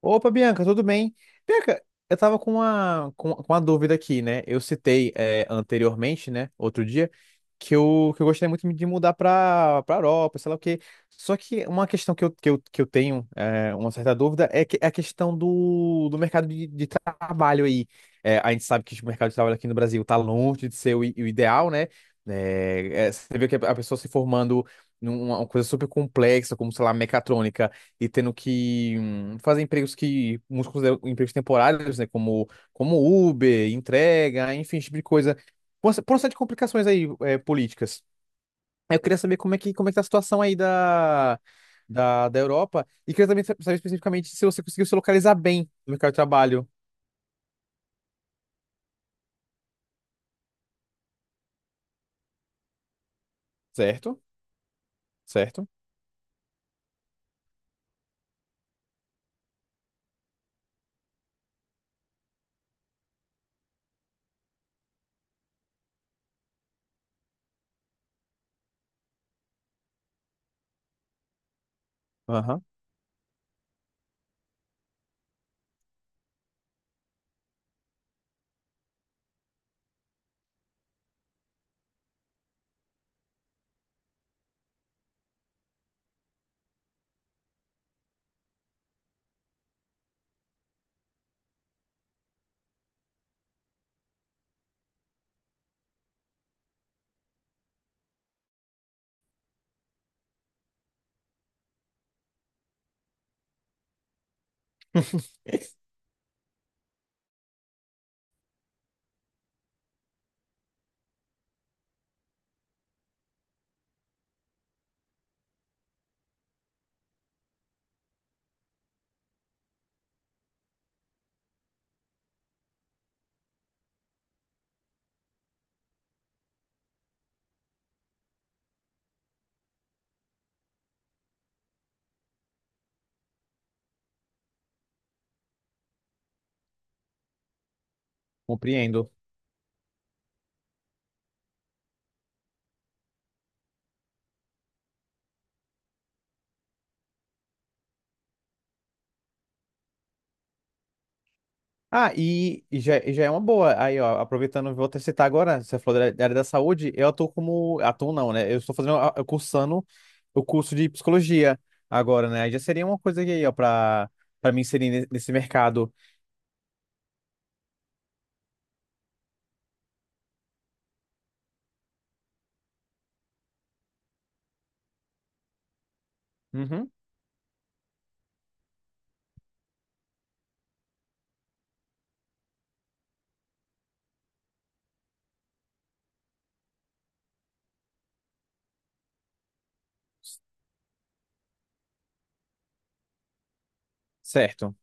Opa, Bianca, tudo bem? Bianca, eu tava com uma dúvida aqui, né? Eu citei anteriormente, né, outro dia, que eu gostaria muito de mudar pra Europa, sei lá o quê. Só que uma questão que eu tenho uma certa dúvida é a questão do mercado de trabalho aí. A gente sabe que o mercado de trabalho aqui no Brasil tá longe de ser o ideal, né? Você vê que a pessoa se formando numa uma coisa super complexa, como, sei lá, mecatrônica e tendo que fazer empregos que muitos consideram empregos temporários, né? Como Uber, entrega, enfim, esse tipo de coisa. Por uma série de complicações aí, políticas. Eu queria saber como é que tá a situação aí da Europa e queria também saber especificamente se você conseguiu se localizar bem no mercado de trabalho, certo? Certo? Aham. Compreendo. E já é uma boa. Aí, ó, aproveitando, vou até citar agora, você falou da da área da saúde, eu atuo como. Atuo não, né? Eu estou fazendo, eu cursando o curso de psicologia agora, né? Aí já seria uma coisa aí, ó, pra, pra me inserir nesse mercado. Uhum. Certo,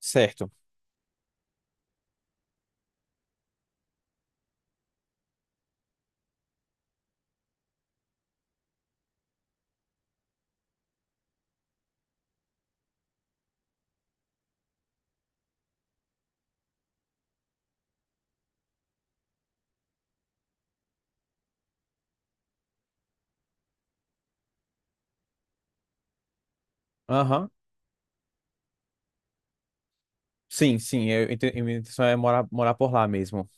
certo. Aham. Sim, sim, eu, minha intenção é morar, morar por lá mesmo.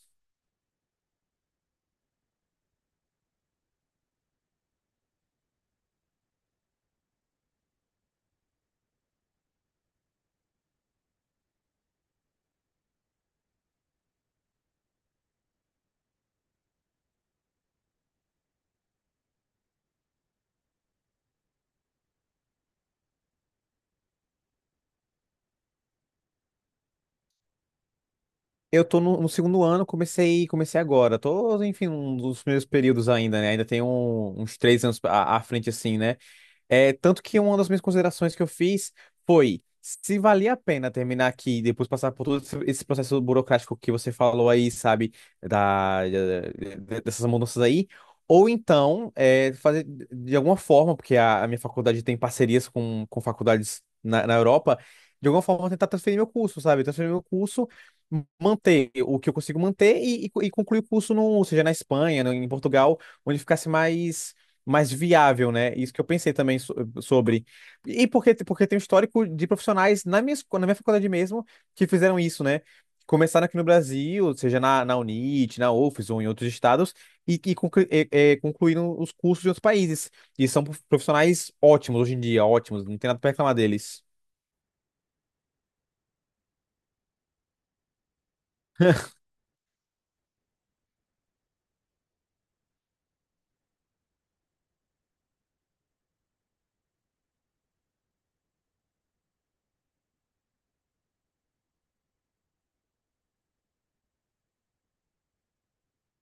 Eu tô no segundo ano, comecei, comecei agora. Tô, enfim, um dos primeiros períodos ainda, né? Ainda tenho uns três anos à, à frente, assim, né? É, tanto que uma das minhas considerações que eu fiz foi se valia a pena terminar aqui e depois passar por todo esse processo burocrático que você falou aí, sabe, dessas mudanças aí, ou então fazer de alguma forma, porque a minha faculdade tem parcerias com faculdades na Europa, de alguma forma tentar transferir meu curso, sabe, transferir meu curso, manter o que eu consigo manter e concluir o curso seja na Espanha, em Portugal, onde ficasse mais mais viável, né? Isso que eu pensei também sobre. E porque tem um histórico de profissionais na minha, na minha faculdade mesmo que fizeram isso, né? Começaram aqui no Brasil, seja na UNIT, na UFES ou em outros estados, concluíram os cursos de outros países. E são profissionais ótimos hoje em dia, ótimos, não tem nada para reclamar deles.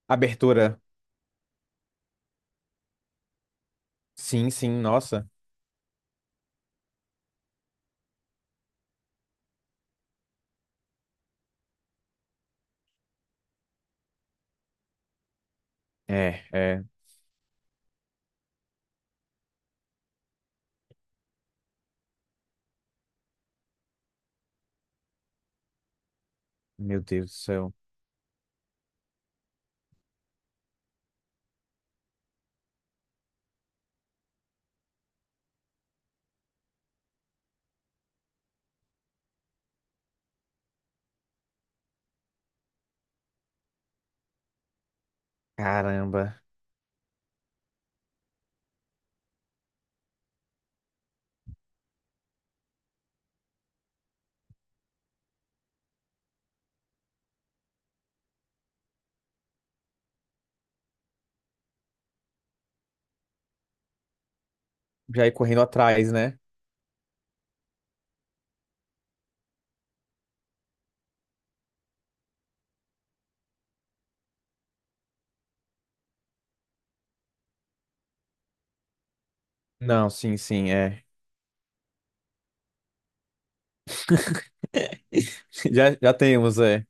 Abertura. Sim, sim, nossa. É, é. Meu Deus do céu. Caramba. Já ir correndo atrás, né? Não, sim, sim, é. Já, já temos, é.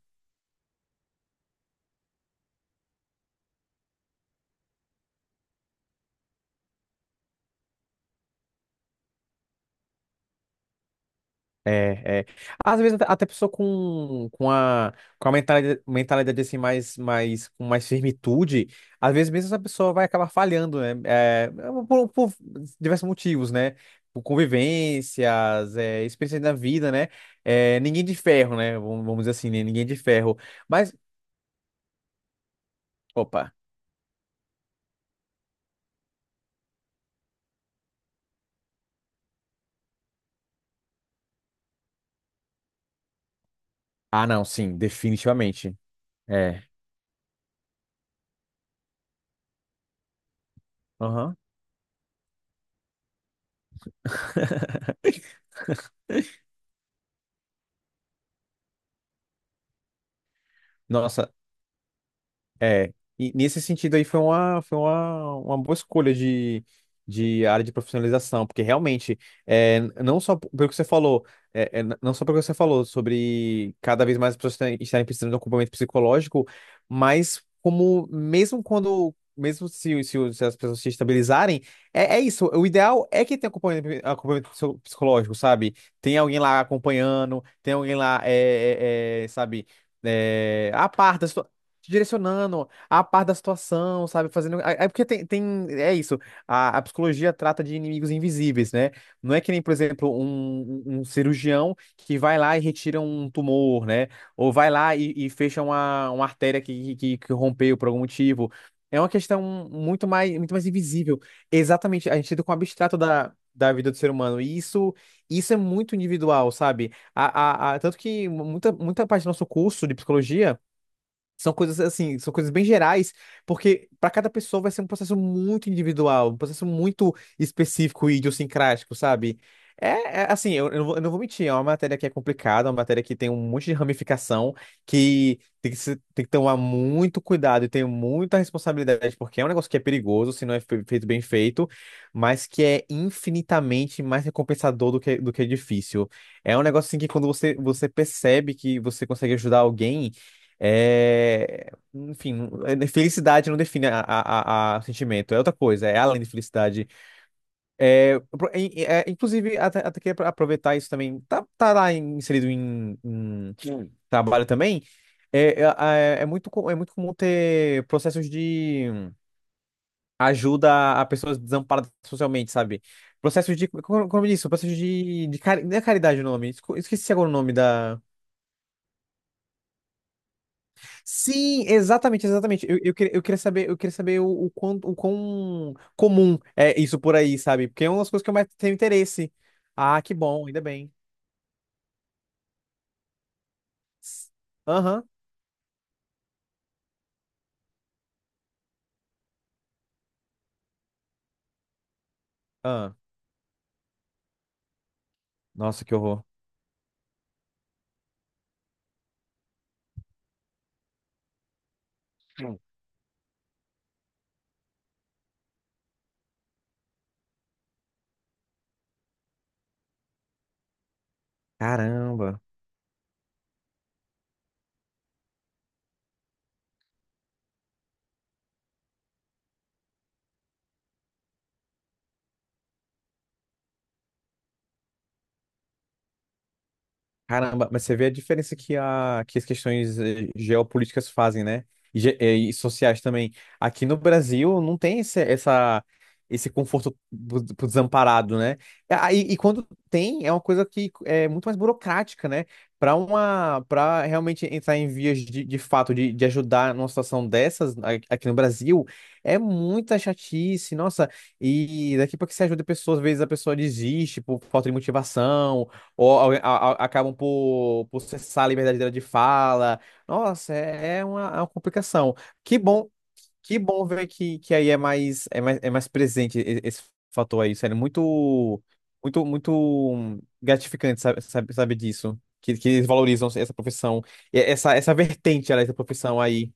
É, é. Às vezes até pessoa com a mentalidade, mentalidade assim com mais firmitude, às vezes mesmo essa pessoa vai acabar falhando, né? Por diversos motivos, né? Por convivências, é, experiências da vida, né? É, ninguém de ferro, né? Vamos vamos dizer assim, né? Ninguém de ferro. Mas, opa. Ah, não, sim, definitivamente. É. Aham. Nossa, é, e nesse sentido aí foi uma boa escolha de área de profissionalização, porque realmente, não só pelo que você falou, não só pelo que você falou sobre cada vez mais as pessoas estarem precisando de um acompanhamento psicológico, mas como mesmo quando, mesmo se as pessoas se estabilizarem, o ideal é que tenha acompanhamento, acompanhamento psicológico, sabe? Tem alguém lá acompanhando, tem alguém lá, sabe? A parte, te direcionando à par da situação, sabe? Fazendo. É isso. A psicologia trata de inimigos invisíveis, né? Não é que nem, por exemplo, um cirurgião que vai lá e retira um tumor, né? Ou vai lá e fecha uma artéria que rompeu por algum motivo. É uma questão muito mais invisível. Exatamente. A gente lida com o abstrato da. Da vida do ser humano. E isso é muito individual, sabe? Tanto que muita, muita parte do nosso curso de psicologia são coisas assim, são coisas bem gerais, porque para cada pessoa vai ser um processo muito individual, um processo muito específico e idiosincrático, sabe? Eu não vou mentir, é uma matéria que é complicada, é uma matéria que tem um monte de ramificação, que tem que, se- tem que tomar muito cuidado e tem muita responsabilidade, porque é um negócio que é perigoso se não é feito bem feito, mas que é infinitamente mais recompensador do que é difícil. É um negócio assim que quando você percebe que você consegue ajudar alguém. É, enfim, felicidade não define a sentimento, é outra coisa, é além de felicidade. Inclusive, até, até que pra aproveitar isso também, tá, tá lá inserido em hum trabalho também. É, é, é muito comum ter processos de ajuda a pessoas desamparadas socialmente, sabe? Processos de, como, como eu disse, processos não é caridade o nome, esqueci agora o nome da. Sim, exatamente, exatamente. Eu queria saber, eu queria saber o quão comum é isso por aí, sabe? Porque é uma das coisas que eu mais tenho interesse. Ah, que bom, ainda bem. S- Aham. Ah, nossa, que horror. Caramba. Caramba, mas você vê a diferença que, a, que as questões eh, geopolíticas fazem, né? E, e sociais também. Aqui no Brasil não tem esse conforto pro desamparado, né? E, e quando tem, é uma coisa que é muito mais burocrática, né? Para uma, para realmente entrar em vias de fato de ajudar numa situação dessas aqui no Brasil, é muita chatice, nossa. E daqui para que você ajude pessoas, às vezes a pessoa desiste por falta de motivação ou acabam por cessar a liberdade dela de fala. Nossa, é uma complicação. Que bom, que bom ver que aí é mais, é mais, é mais presente esse fator aí, sério. Muito, muito, muito gratificante sabe, sabe, saber disso. Que eles valorizam essa profissão, e essa vertente, ela, essa profissão aí.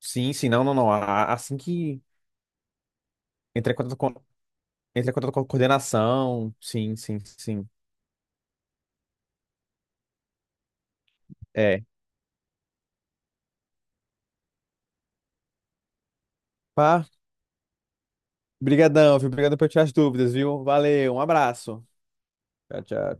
Sim, sim, não, não, não. A- Assim que entrar em contato com, entrar em contato com a coordenação, sim, sim, sim. É. Obrigadão, viu? Obrigado por tirar as dúvidas, viu? Valeu, um abraço. Tchau, tchau, tchau.